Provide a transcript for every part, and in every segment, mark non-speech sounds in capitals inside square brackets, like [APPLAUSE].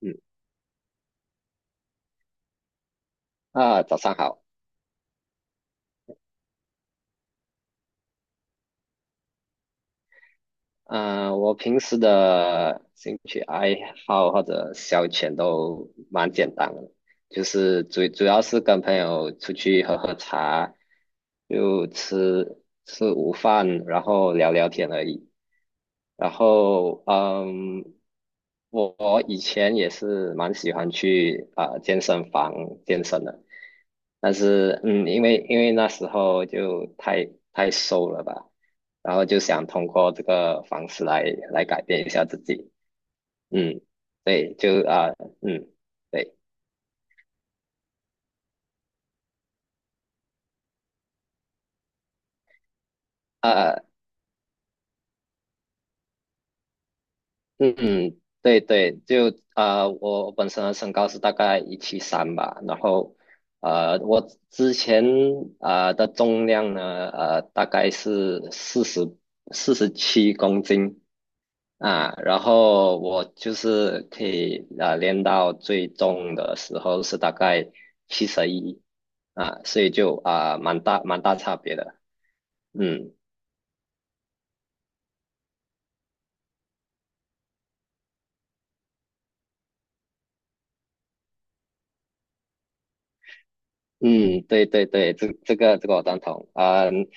嗯。啊，早上好。我平时的兴趣爱好或者消遣都蛮简单的，就是主要是跟朋友出去喝喝茶，就吃午饭，然后聊聊天而已。然后，嗯，我以前也是蛮喜欢去健身房健身的，但是嗯，因为那时候就太瘦了吧，然后就想通过这个方式来改变一下自己，嗯，对，嗯，对，啊、嗯嗯，对对，我本身的身高是大概173吧，然后我之前的重量呢，大概是四十七公斤，啊，然后我就是可以啊练到最重的时候是大概71啊，所以就啊蛮大差别的，嗯。嗯，对对对，这个我赞同。嗯，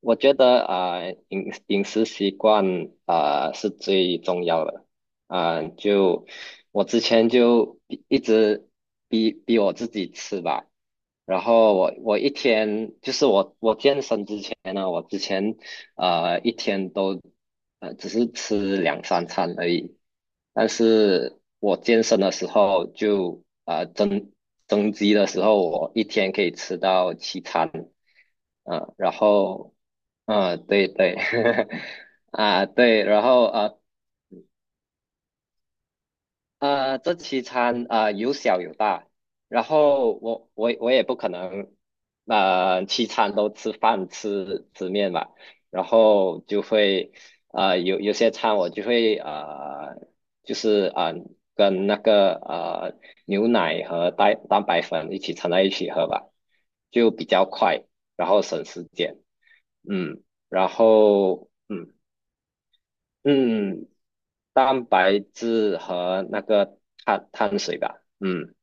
我觉得啊，呃饮饮食习惯啊，是最重要的。啊，就我之前就一直逼我自己吃吧，然后我一天就是我健身之前呢，我之前一天都只是吃两三餐而已。但是我健身的时候就啊、呃、增增肌的时候，我一天可以吃到七餐，嗯，然后嗯，对对。[LAUGHS] 啊对然后这七餐啊有小有大，然后我也不可能，七餐都吃饭吃面吧，然后就会有些餐我就会就是啊、呃、跟那个牛奶和蛋白粉一起掺在一起喝吧，就比较快，然后省时间，嗯，然后嗯。嗯，蛋白质和那个碳水吧。嗯，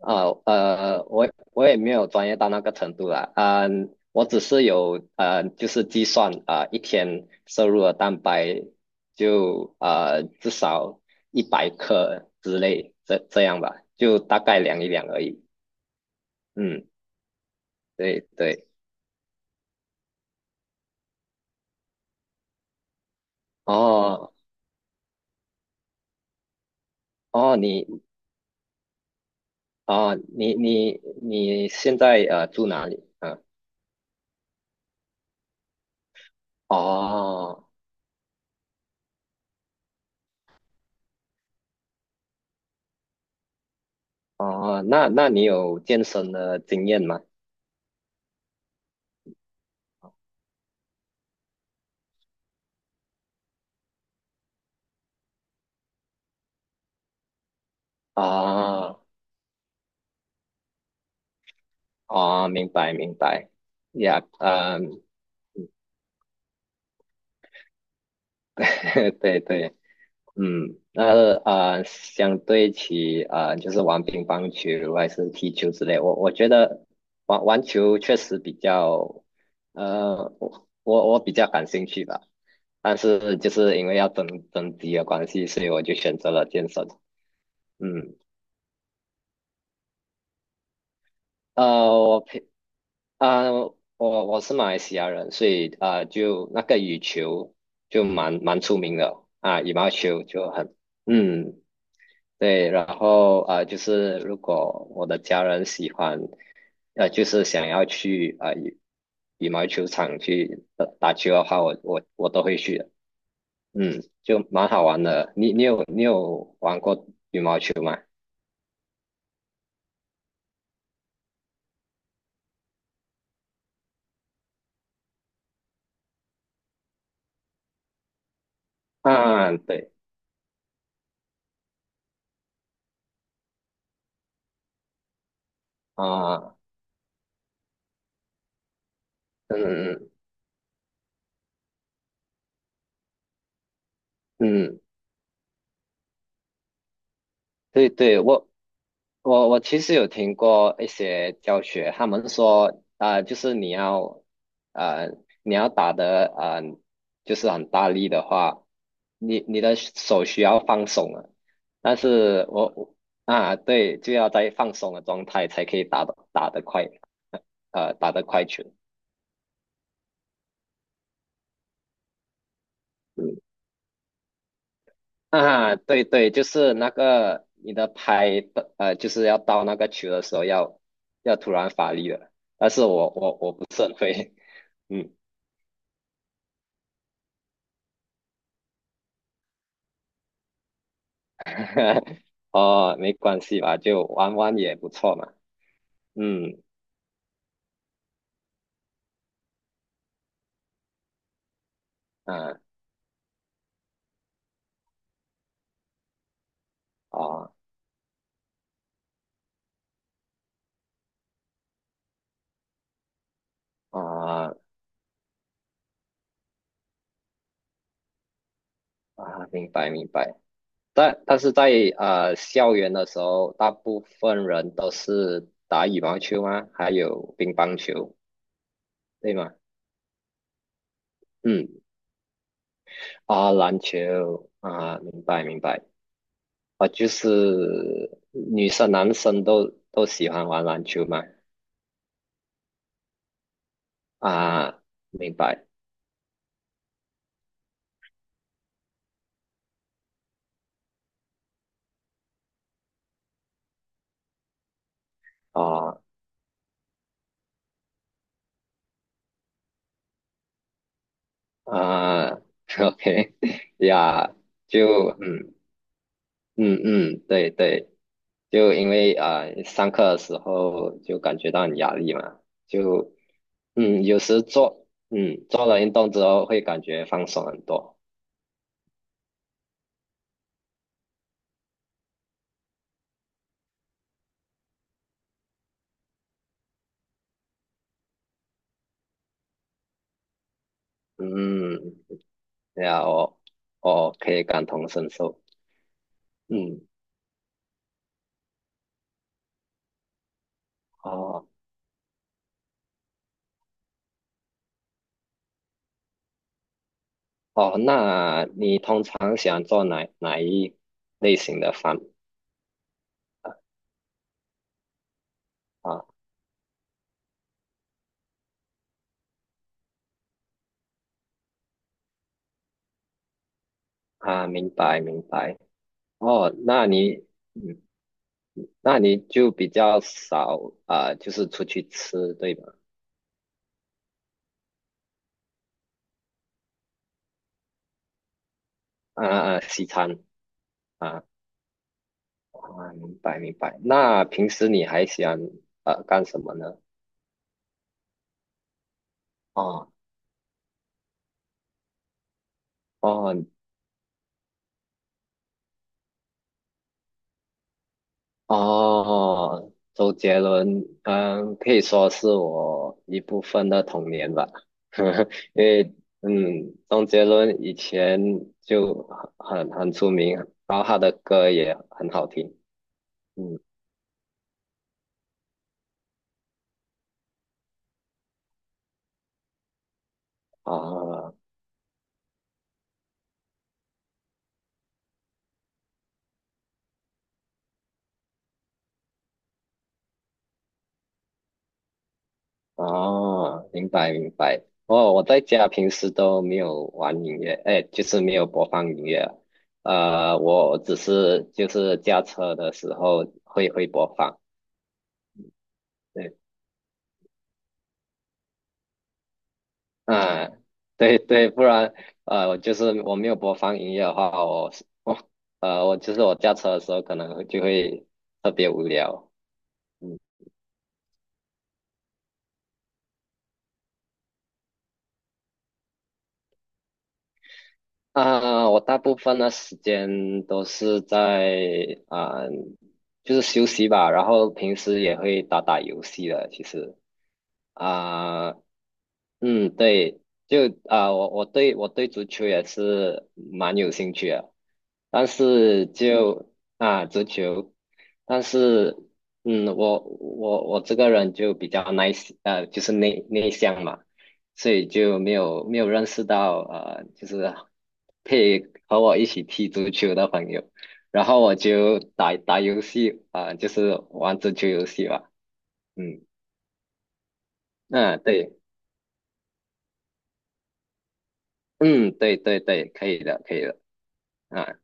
啊呃，我我也没有专业到那个程度啦。嗯、我只是有就是计算一天摄入的蛋白就至少100克之类，这样吧，就大概量一量而已。嗯，对对。哦，哦，你哦你现在住哪里？嗯，哦。哦，那你有健身的经验吗？啊啊，明白明白，呀，嗯。[LAUGHS] 对对，嗯，那相对起啊，就是玩乒乓球还是踢球之类，我觉得玩玩球确实比较，我比较感兴趣吧，但是就是因为要增肌的关系，所以我就选择了健身，嗯。呃，我平啊、我是马来西亚人，所以啊、就那个羽球就蛮出名的啊，羽毛球就很，嗯，对，然后就是如果我的家人喜欢，就是想要去羽毛球场去打打球的话，我都会去的，嗯，就蛮好玩的。你你有玩过羽毛球吗？啊，对，啊，嗯嗯嗯。嗯，对对，我其实有听过一些教学，他们说就是你要呃，你要打的就是很大力的话，你的手需要放松啊。但是啊，对，就要在放松的状态才可以打的快，打的快球。嗯。 [LAUGHS] 啊，对对，就是那个你的拍的，就是要到那个球的时候要突然发力了，但是我不是很会。[LAUGHS] 嗯。[LAUGHS] 哦，没关系吧，就玩玩也不错嘛，嗯。啊啊啊啊，明白明白，但是在校园的时候，大部分人都是打羽毛球吗？还有乒乓球，对吗？嗯，啊，篮球啊，明白明白。啊，就是女生男生都喜欢玩篮球嘛。啊，明白。哦。啊，OK。[LAUGHS] 呀，就嗯，嗯嗯，对对，就因为上课的时候就感觉到很压力嘛，就嗯，有时做嗯，做了运动之后会感觉放松很多。嗯，对啊，我可以感同身受。嗯，哦。哦，那你通常喜欢做哪一类型的饭啊？啊，明白明白。哦，那你嗯，那你就比较少啊，就是出去吃，对吧？啊啊，西餐，啊啊，明白明白。那平时你还喜欢干什么呢？哦，哦，哦，周杰伦，嗯，可以说是我一部分的童年吧，[LAUGHS] 因为，嗯，周杰伦以前就很出名，然后他的歌也很好听，嗯，哦，哦，明白明白。哦，我在家平时都没有玩音乐，哎，就是没有播放音乐啊，我只是就是驾车的时候会播放。对，嗯。[LAUGHS] 对对，不然我就是我没有播放音乐的话，我我驾车的时候可能就会特别无聊。嗯，啊，我大部分的时间都是在啊，就是休息吧，然后平时也会打打游戏的。其实啊，嗯，对，就啊，我对足球也是蛮有兴趣的。但是嗯，就啊足球，但是嗯，我这个人就比较 nice, 就是内向嘛，所以就没有认识到，就是 [LAUGHS] 配和我一起踢足球的朋友，然后我就打打游戏啊，就是玩足球游戏吧，嗯，嗯，对，嗯，对对对，可以的，可以的，啊。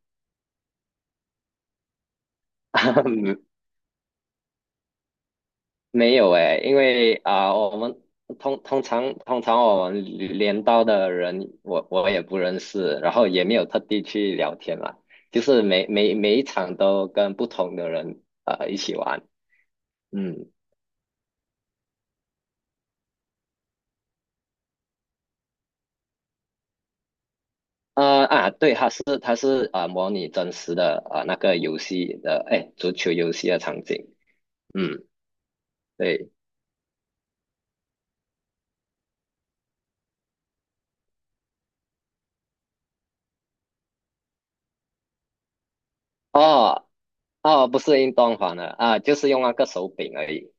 [LAUGHS] 没有诶，因为啊、我们通常我们镰刀的人，我也不认识，然后也没有特地去聊天嘛，就是每一场都跟不同的人一起玩，嗯，对，他是啊、模拟真实的啊、那个游戏的，哎，足球游戏的场景，嗯，对，哦，哦，不是运动房的啊，就是用那个手柄而已，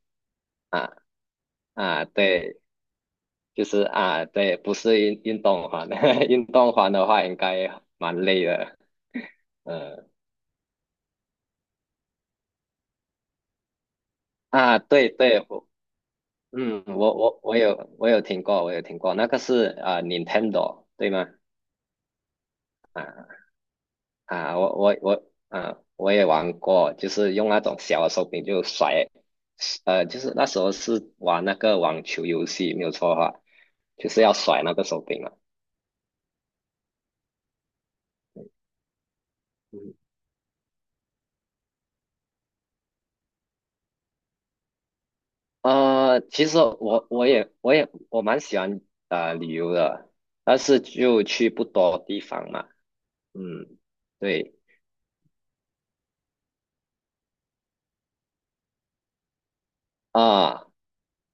啊啊，对。就是啊，对，不是运动环，[LAUGHS] 运动环的话应该蛮累的。嗯，啊，对对，我嗯，我我有听过，我有听过，那个是啊、Nintendo 对吗？啊啊，我啊，我也玩过，就是用那种小的手柄就甩，就是那时候是玩那个网球游戏，没有错的话，就是要甩那个手柄嘛。嗯，其实我蛮喜欢旅游的，但是就去不多地方嘛。嗯，对啊，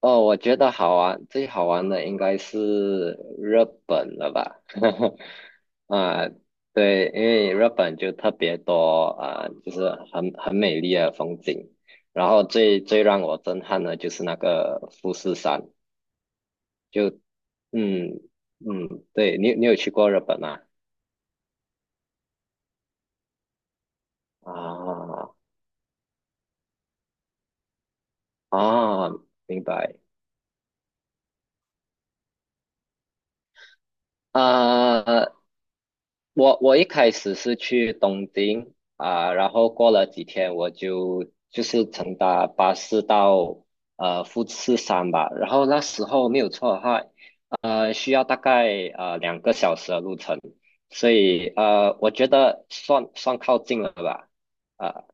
哦，我觉得好玩，最好玩的应该是日本了吧？[LAUGHS] 啊，对，因为日本就特别多啊，就是很美丽的风景。然后最让我震撼的就是那个富士山，就嗯，嗯，对，你去过日本吗？啊啊，明白，啊！我一开始是去东京啊，然后过了几天我就就是乘搭巴士到富士山吧，然后那时候没有错的话，需要大概2个小时的路程，所以我觉得算靠近了吧，啊，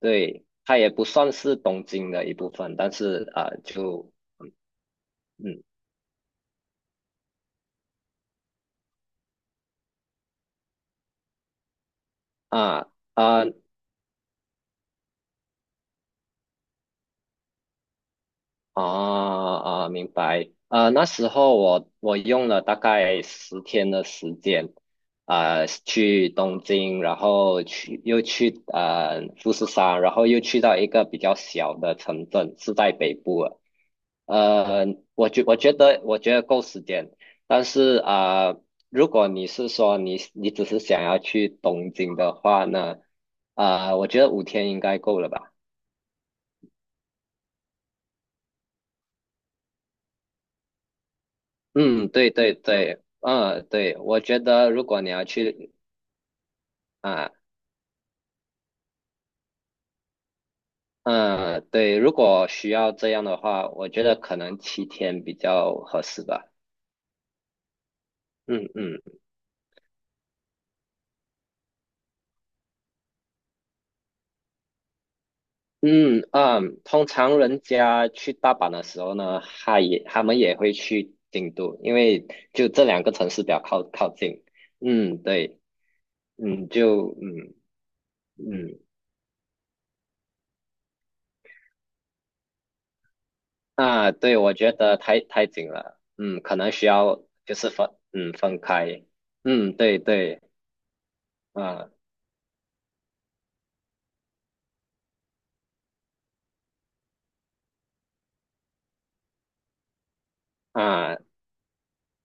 对，它也不算是东京的一部分，但是啊、就嗯啊。啊，呃啊啊，明白。那时候我用了大概10天的时间，啊、去东京，然后去又去富士山，然后又去到一个比较小的城镇，是在北部了，呃，我觉得够时间，但是啊、如果你是说你只是想要去东京的话呢，啊、我觉得5天应该够了吧。嗯，对对对，嗯，对，我觉得如果你要去啊，嗯，对，如果需要这样的话，我觉得可能7天比较合适吧。嗯嗯，嗯嗯，通常人家去大阪的时候呢，他也他们也会去京都，因为就这两个城市比较靠近。嗯，对，嗯，就嗯嗯，啊，对，我觉得太紧了，嗯，可能需要就是分嗯，分开。嗯，对对。啊，啊，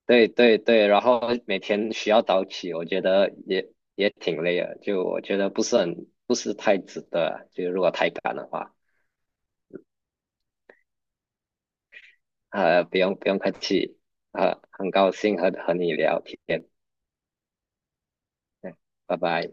对对对，然后每天需要早起，我觉得也也挺累的，就我觉得不是很，不是太值得啊，就如果太赶的话，不用不用客气，很高兴和你聊天，嗯，拜拜。